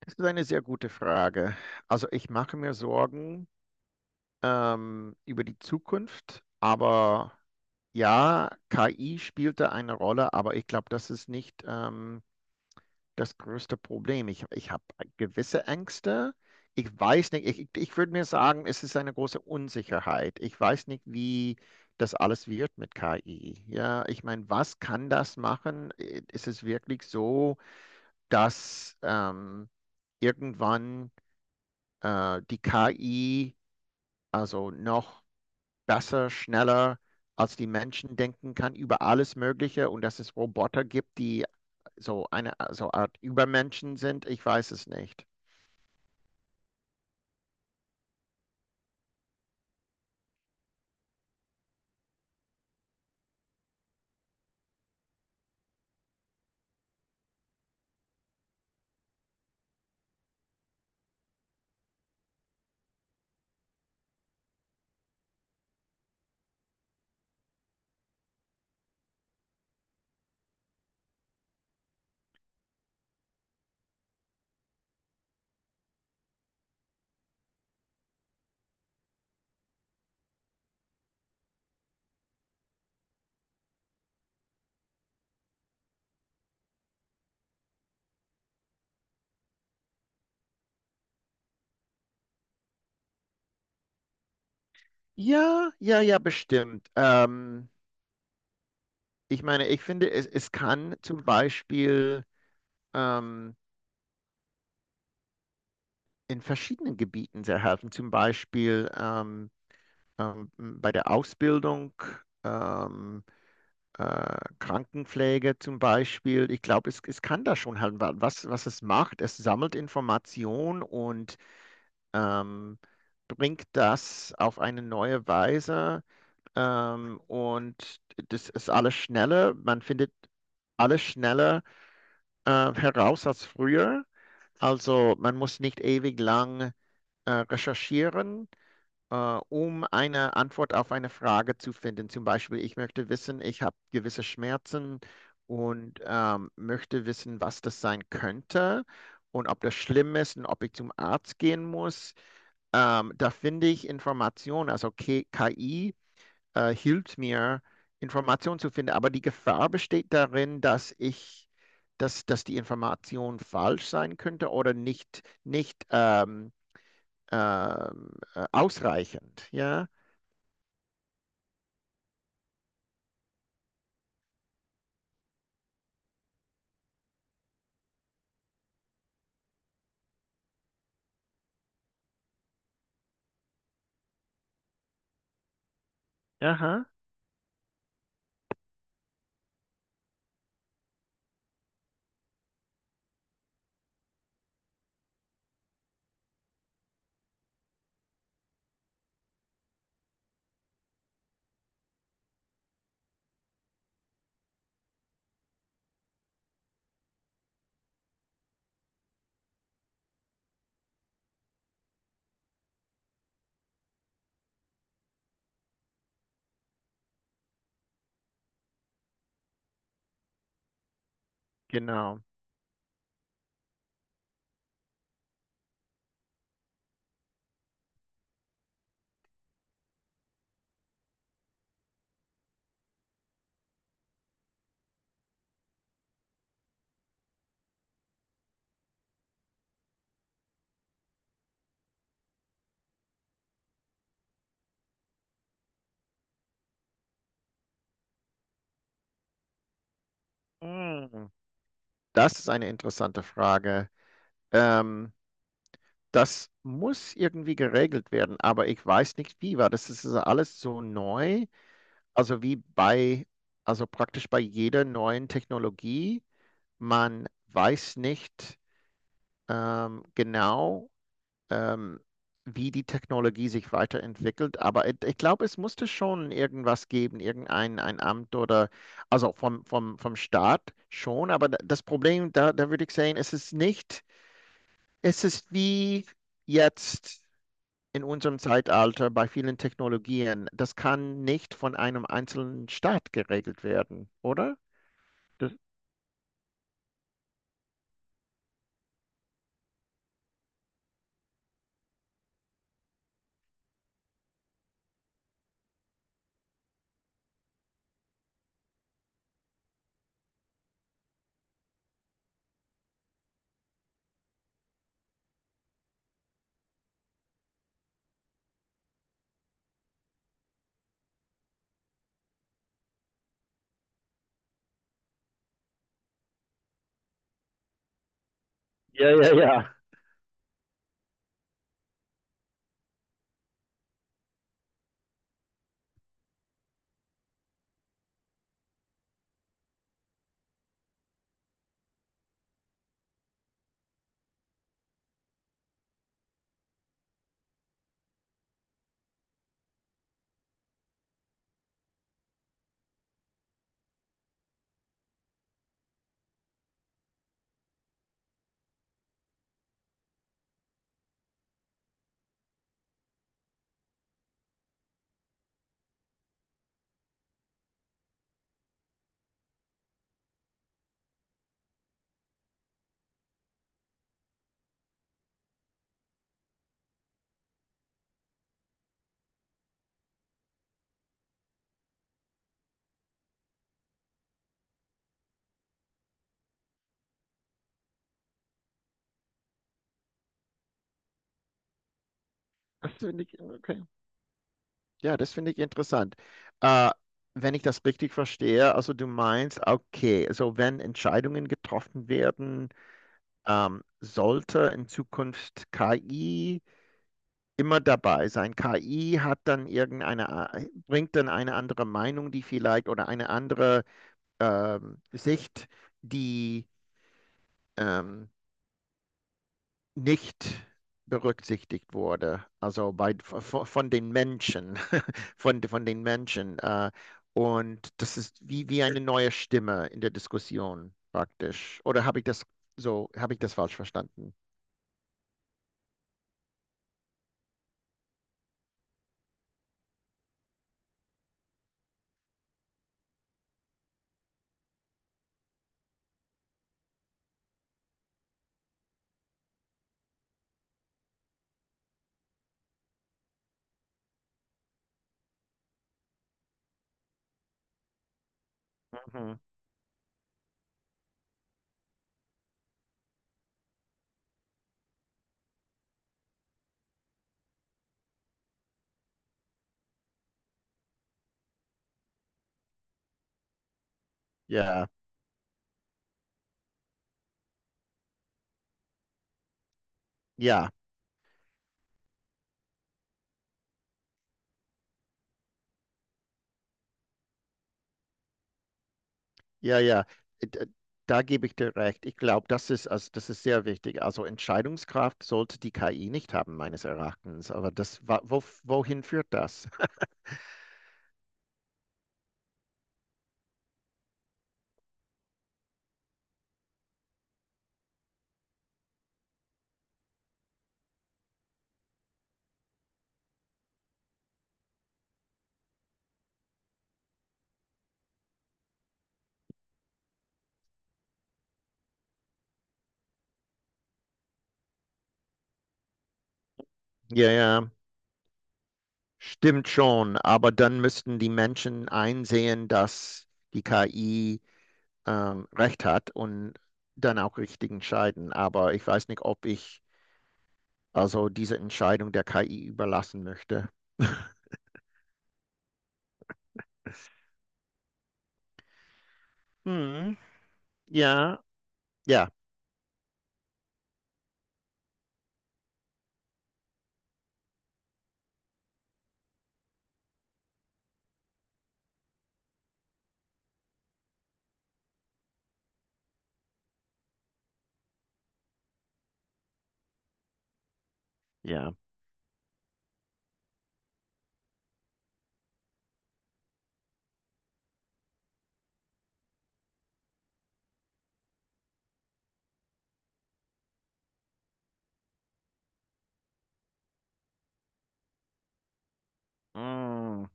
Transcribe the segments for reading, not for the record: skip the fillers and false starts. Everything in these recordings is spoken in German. Das ist eine sehr gute Frage. Also ich mache mir Sorgen über die Zukunft, aber ja, KI spielt da eine Rolle, aber ich glaube, das ist nicht das größte Problem. Ich habe gewisse Ängste. Ich weiß nicht, ich würde mir sagen, es ist eine große Unsicherheit. Ich weiß nicht, wie das alles wird mit KI. Ja, ich meine, was kann das machen? Ist es wirklich so, dass irgendwann die KI also noch besser, schneller als die Menschen denken kann über alles Mögliche und dass es Roboter gibt, die so eine so Art Übermenschen sind, ich weiß es nicht. Ja, ja, ja, bestimmt. Ich meine, ich finde, es kann zum Beispiel ähm, in verschiedenen Gebieten sehr helfen, zum Beispiel bei der Ausbildung. Ähm, Krankenpflege zum Beispiel. Ich glaube, es kann da schon halt was es macht. Es sammelt Information und ähm, bringt das auf eine neue Weise. Und das ist alles schneller. Man findet alles schneller heraus als früher. Also man muss nicht ewig lang recherchieren, äh, um eine Antwort auf eine Frage zu finden. Zum Beispiel, ich möchte wissen, ich habe gewisse Schmerzen und möchte wissen, was das sein könnte und ob das schlimm ist und ob ich zum Arzt gehen muss. Da finde ich Informationen, also KI hilft mir, Informationen zu finden, aber die Gefahr besteht darin, dass die Information falsch sein könnte oder nicht ausreichend. Ja? Aha, genau. Hm, das ist eine interessante Frage. Ähm, Das muss irgendwie geregelt werden, aber ich weiß nicht wie, weil das ist ja alles so neu. Also wie bei, also praktisch bei jeder neuen Technologie, man weiß nicht genau, ähm, wie die Technologie sich weiterentwickelt. Aber ich glaube, es musste schon irgendwas geben, irgendein ein Amt oder, also vom Staat schon. Aber das Problem, da würde ich sagen, es ist nicht, es ist wie jetzt in unserem Zeitalter bei vielen Technologien. Das kann nicht von einem einzelnen Staat geregelt werden, oder? Das, Ja, ja, ja. Das finde ich, okay. Ja, das finde ich interessant. Äh, Wenn ich das richtig verstehe, also du meinst, okay, also wenn Entscheidungen getroffen werden, sollte in Zukunft KI immer dabei sein. KI hat dann bringt dann eine andere Meinung, die vielleicht, oder eine andere Sicht, die ähm, nicht berücksichtigt wurde, also bei, von, den Menschen, von den Menschen. Und das ist wie eine neue Stimme in der Diskussion praktisch. Oder habe ich das falsch verstanden? Mhm. Ja, ja, ja, ja. Da gebe ich dir recht. Ich glaube, das ist sehr wichtig. Also Entscheidungskraft sollte die KI nicht haben, meines Erachtens. Aber wohin führt das? Ja, ja. Stimmt schon, aber dann müssten die Menschen einsehen, dass die KI recht hat und dann auch richtig entscheiden. Aber ich weiß nicht, ob ich also diese Entscheidung der KI überlassen möchte. Hm, ja, ja, ja. Mm,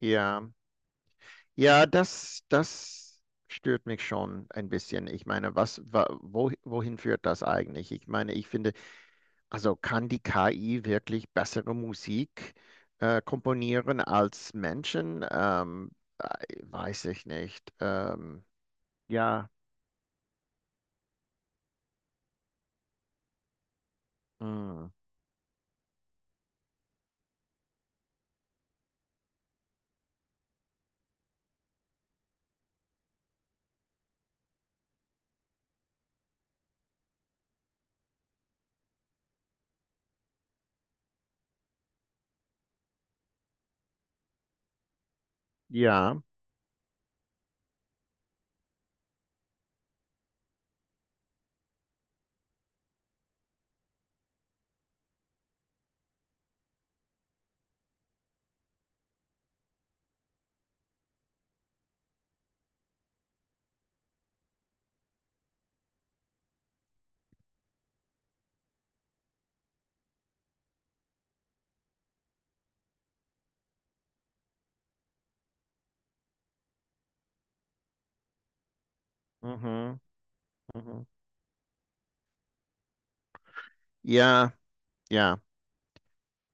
ja, ja, das stört mich schon ein bisschen. Ich meine, wohin führt das eigentlich? Ich meine, ich finde also kann die KI wirklich bessere Musik komponieren als Menschen? Weiß ich nicht. Ja, mm, ja, mhm, mhm. Ja, ja.